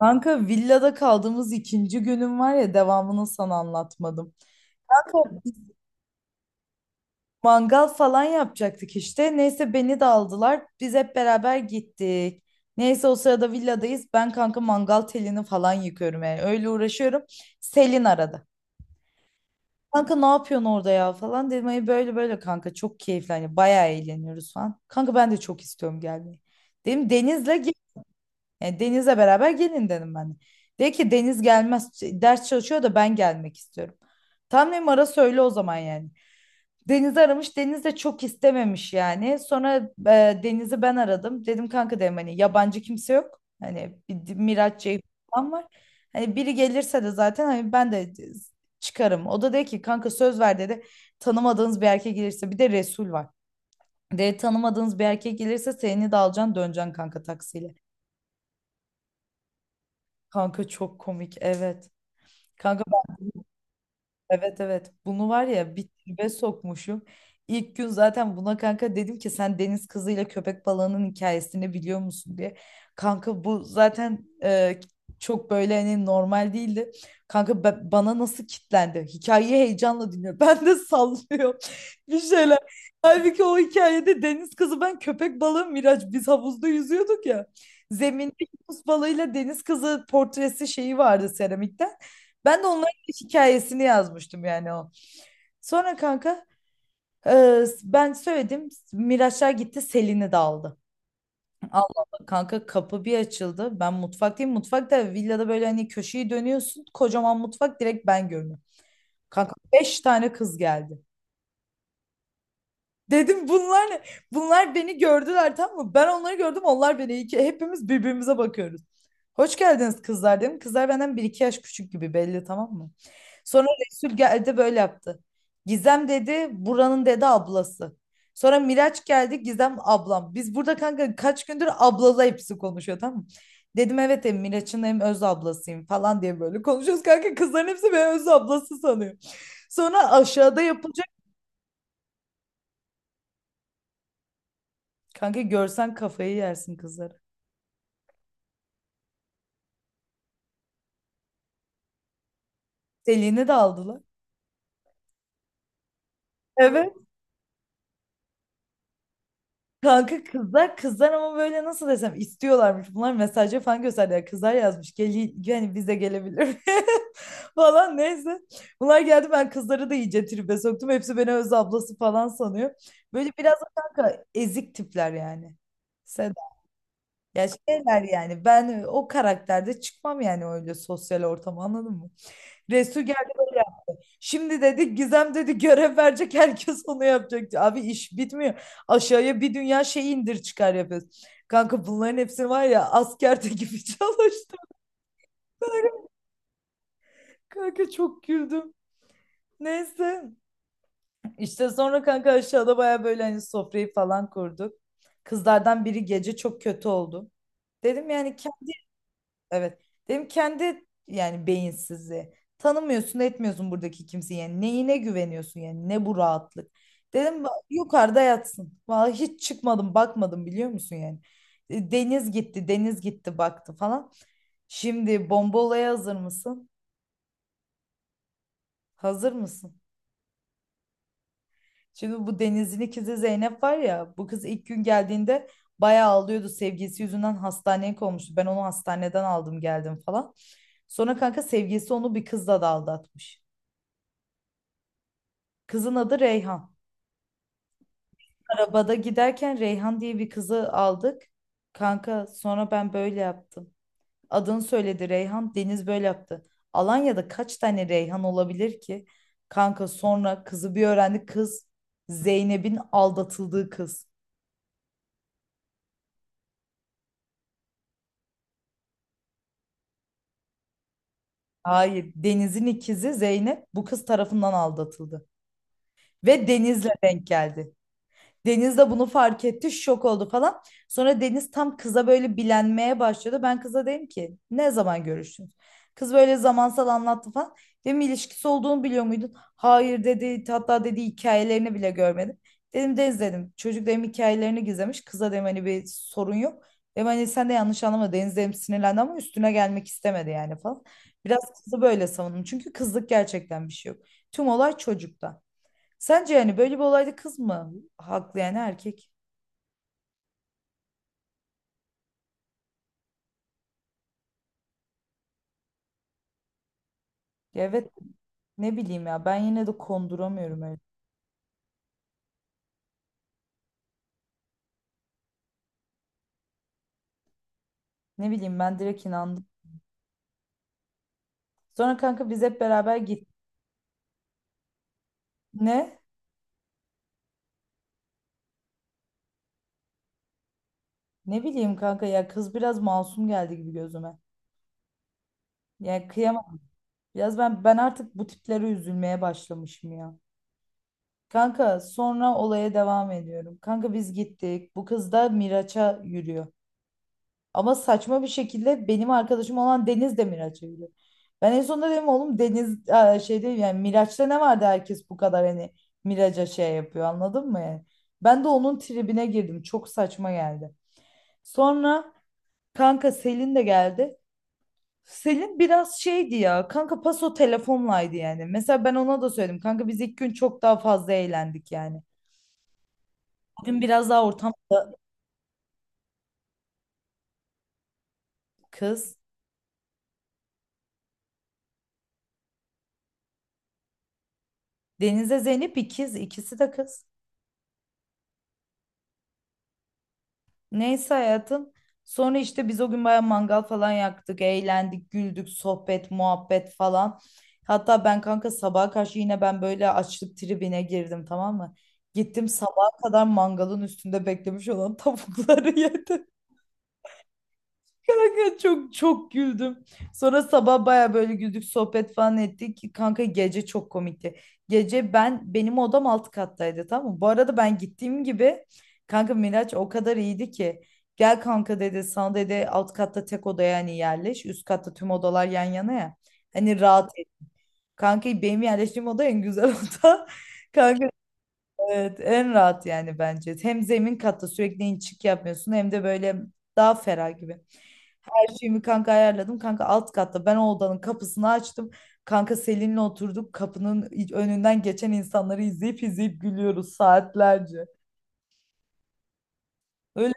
Kanka villada kaldığımız ikinci günüm var ya devamını sana anlatmadım. Kanka biz mangal falan yapacaktık işte. Neyse beni de aldılar. Biz hep beraber gittik. Neyse o sırada villadayız. Ben kanka mangal telini falan yıkıyorum yani. Öyle uğraşıyorum. Selin aradı. Kanka ne yapıyorsun orada ya falan dedim. Ay böyle böyle kanka çok keyifli. Hani bayağı eğleniyoruz falan. Kanka ben de çok istiyorum gelmeyi. Dedim Deniz'le gel. Yani Deniz'le beraber gelin dedim ben. De. Dedi ki Deniz gelmez. Ders çalışıyor da ben gelmek istiyorum. Tam dedim ara söyle o zaman yani. Deniz'i aramış. Deniz de çok istememiş yani. Sonra Deniz'i ben aradım. Dedim kanka dedim hani yabancı kimse yok. Hani bir Miraç Ceyhun falan var. Hani biri gelirse de zaten hani ben de çıkarım. O da dedi ki kanka söz ver dedi. Tanımadığınız bir erkek gelirse bir de Resul var. De tanımadığınız bir erkek gelirse seni de alacaksın döneceksin kanka taksiyle. Kanka çok komik evet. Kanka evet evet bunu var ya bir tribe sokmuşum. İlk gün zaten buna kanka dedim ki sen deniz kızıyla köpek balığının hikayesini biliyor musun diye. Kanka bu zaten çok böyle hani normal değildi. Kanka bana nasıl kitlendi? Hikayeyi heyecanla dinliyor. Ben de sallıyorum bir şeyler. Halbuki o hikayede deniz kızı ben, köpek balığı Miraç, biz havuzda yüzüyorduk ya. Zeminde yunus balığıyla deniz kızı portresi şeyi vardı seramikten. Ben de onları hikayesini yazmıştım yani o. Sonra kanka ben söyledim. Miraçlar gitti Selin'i de aldı. Allah Allah kanka kapı bir açıldı. Ben mutfaktayım. Mutfakta villada böyle hani köşeyi dönüyorsun. Kocaman mutfak direkt ben görünüyorum. Kanka beş tane kız geldi. Dedim bunlar ne? Bunlar beni gördüler tamam mı? Ben onları gördüm, onlar beni. İki, hepimiz birbirimize bakıyoruz. Hoş geldiniz kızlar dedim. Kızlar benden bir iki yaş küçük gibi belli tamam mı? Sonra Resul geldi böyle yaptı. Gizem dedi buranın dedi ablası. Sonra Miraç geldi Gizem ablam. Biz burada kanka kaç gündür ablalı hepsi konuşuyor tamam mı? Dedim evet hem Miraç'ın hem öz ablasıyım falan diye böyle konuşuyoruz. Kanka kızların hepsi beni öz ablası sanıyor. Sonra aşağıda yapılacak. Kanka görsen kafayı yersin kızları. Selin'i de aldılar. Evet. Kanka kızlar kızlar ama böyle nasıl desem istiyorlarmış. Bunlar mesajı falan gösterdiler. Kızlar yazmış. Gel, yani bize gelebilir mi?" falan neyse. Bunlar geldi ben kızları da iyice tribe soktum. Hepsi beni öz ablası falan sanıyor. Böyle biraz da kanka ezik tipler yani. Seda. Ya şeyler yani ben o karakterde çıkmam yani öyle sosyal ortama, anladın mı? Resul geldi böyle şimdi dedi Gizem dedi görev verecek, herkes onu yapacak. Abi iş bitmiyor. Aşağıya bir dünya şey indir çıkar yapıyoruz. Kanka bunların hepsini var ya askerde gibi çalıştım. Kanka çok güldüm. Neyse. İşte sonra kanka aşağıda baya böyle hani sofrayı falan kurduk. Kızlardan biri gece çok kötü oldu. Dedim yani evet. Dedim kendi yani beyinsizliği. Tanımıyorsun, etmiyorsun buradaki kimseyi. Yani neyine güveniyorsun yani? Ne bu rahatlık? Dedim yukarıda yatsın. Vallahi hiç çıkmadım, bakmadım biliyor musun yani? Deniz gitti, deniz gitti baktı falan. Şimdi bomba olaya hazır mısın? Hazır mısın? Şimdi bu Deniz'in ikizi Zeynep var ya, bu kız ilk gün geldiğinde bayağı ağlıyordu. Sevgilisi yüzünden hastaneye konmuştu. Ben onu hastaneden aldım geldim falan. Sonra kanka sevgilisi onu bir kızla da aldatmış. Kızın adı Reyhan. Arabada giderken Reyhan diye bir kızı aldık. Kanka sonra ben böyle yaptım. Adını söyledi Reyhan. Deniz böyle yaptı. Alanya'da kaç tane Reyhan olabilir ki? Kanka sonra kızı bir öğrendi. Kız Zeynep'in aldatıldığı kız. Hayır, Deniz'in ikizi Zeynep bu kız tarafından aldatıldı. Ve Deniz'le denk geldi. Deniz de bunu fark etti, şok oldu falan. Sonra Deniz tam kıza böyle bilenmeye başladı. Ben kıza dedim ki ne zaman görüştünüz? Kız böyle zamansal anlattı falan. Dedim ilişkisi olduğunu biliyor muydun? Hayır dedi. Hatta dedi hikayelerini bile görmedim. Dedim Deniz dedim. Çocuk dedim hikayelerini gizlemiş. Kıza dedim hani bir sorun yok. Dedim hani sen de yanlış anlama. Deniz dedim sinirlendi ama üstüne gelmek istemedi yani falan. Biraz kızı böyle savundum. Çünkü kızlık gerçekten bir şey yok. Tüm olay çocukta. Sence yani böyle bir olayda kız mı haklı yani erkek? Ya evet ne bileyim ya ben yine de konduramıyorum öyle. Ne bileyim ben direkt inandım. Sonra kanka biz hep beraber gittik. Ne? Ne bileyim kanka ya kız biraz masum geldi gibi gözüme. Yani kıyamam. Biraz ben artık bu tiplere üzülmeye başlamışım ya. Kanka sonra olaya devam ediyorum. Kanka biz gittik. Bu kız da Miraç'a yürüyor. Ama saçma bir şekilde benim arkadaşım olan Deniz de Miraç'a gidiyor. Ben en sonunda dedim oğlum Deniz şey değil yani Miraç'ta ne vardı herkes bu kadar hani Miraç'a şey yapıyor, anladın mı yani? Ben de onun tribine girdim. Çok saçma geldi. Sonra kanka Selin de geldi. Selin biraz şeydi ya kanka paso telefonlaydı yani. Mesela ben ona da söyledim. Kanka biz ilk gün çok daha fazla eğlendik yani. Bugün biraz daha ortamda kız. Deniz'e Zeynep ikiz. İkisi de kız. Neyse hayatım. Sonra işte biz o gün bayağı mangal falan yaktık, eğlendik, güldük, sohbet, muhabbet falan. Hatta ben kanka sabaha karşı yine ben böyle açlık tribine girdim tamam mı? Gittim sabaha kadar mangalın üstünde beklemiş olan tavukları yedim. Kanka çok çok güldüm. Sonra sabah baya böyle güldük sohbet falan ettik. Kanka gece çok komikti. Gece ben benim odam alt kattaydı tamam mı? Bu arada ben gittiğim gibi kanka Miraç o kadar iyiydi ki. Gel kanka dedi sana dedi alt katta tek odaya hani yerleş. Üst katta tüm odalar yan yana ya. Hani rahat et. Kanka benim yerleştiğim oda en güzel oda. Kanka evet, en rahat yani bence. Hem zemin katta sürekli inçik yapmıyorsun hem de böyle daha ferah gibi. Her şeyimi kanka ayarladım. Kanka alt katta ben o odanın kapısını açtım. Kanka Selin'le oturduk. Kapının önünden geçen insanları izleyip izleyip gülüyoruz saatlerce. Öyle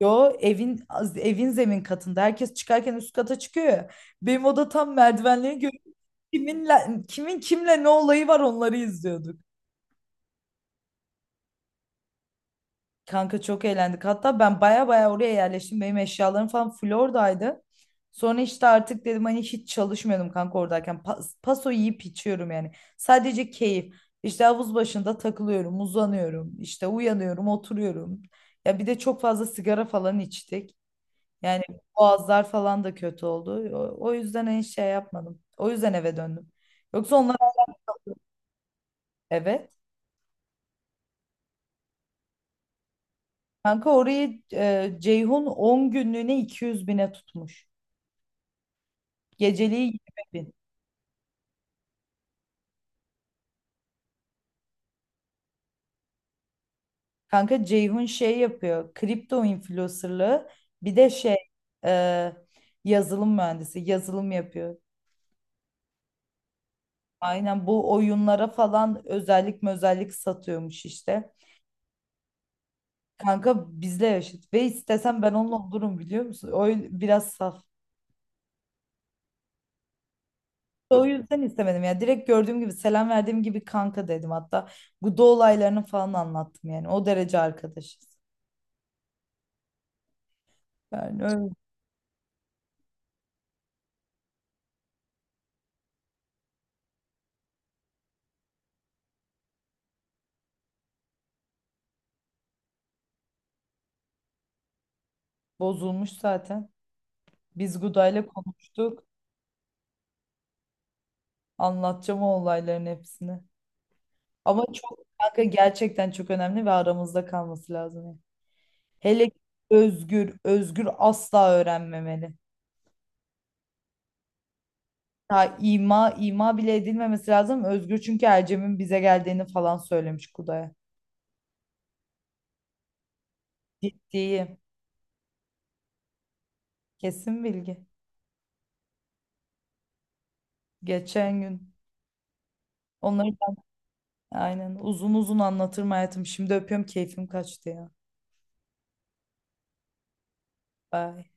yo evin evin zemin katında. Herkes çıkarken üst kata çıkıyor ya. Benim oda tam merdivenleri görüyor. Kiminle, kimin kimle ne olayı var onları izliyorduk. Kanka çok eğlendik. Hatta ben baya baya oraya yerleştim. Benim eşyalarım falan Florida'ydı. Sonra işte artık dedim hani hiç çalışmıyordum kanka oradayken. Paso yiyip içiyorum yani. Sadece keyif. İşte havuz başında takılıyorum, uzanıyorum. İşte uyanıyorum, oturuyorum. Ya bir de çok fazla sigara falan içtik. Yani boğazlar falan da kötü oldu. O yüzden en şey yapmadım. O yüzden eve döndüm. Yoksa onlar evet. Kanka orayı Ceyhun 10 günlüğüne 200 bine tutmuş. Geceliği 20 bin. Kanka Ceyhun şey yapıyor. Kripto influencerlığı bir de şey, e, yazılım mühendisi, yazılım yapıyor. Aynen bu oyunlara falan özellik özellik satıyormuş işte. Kanka bizle yaşıt ve istesem ben onunla olurum biliyor musun? O biraz saf. O yüzden istemedim ya. Direkt gördüğüm gibi selam verdiğim gibi kanka dedim hatta. Bu da olaylarını falan anlattım yani. O derece arkadaşız. Yani öyle bozulmuş zaten. Biz Guda'yla konuştuk. Anlatacağım o olayların hepsini. Ama çok kanka gerçekten çok önemli ve aramızda kalması lazım. Yani. Hele ki Özgür, Özgür asla öğrenmemeli. Ha, ima bile edilmemesi lazım. Özgür çünkü Ercem'in bize geldiğini falan söylemiş Kuday'a. Ciddiyim. Kesin bilgi. Geçen gün. Onları aynen uzun uzun anlatırım hayatım. Şimdi öpüyorum keyfim kaçtı ya. Bye.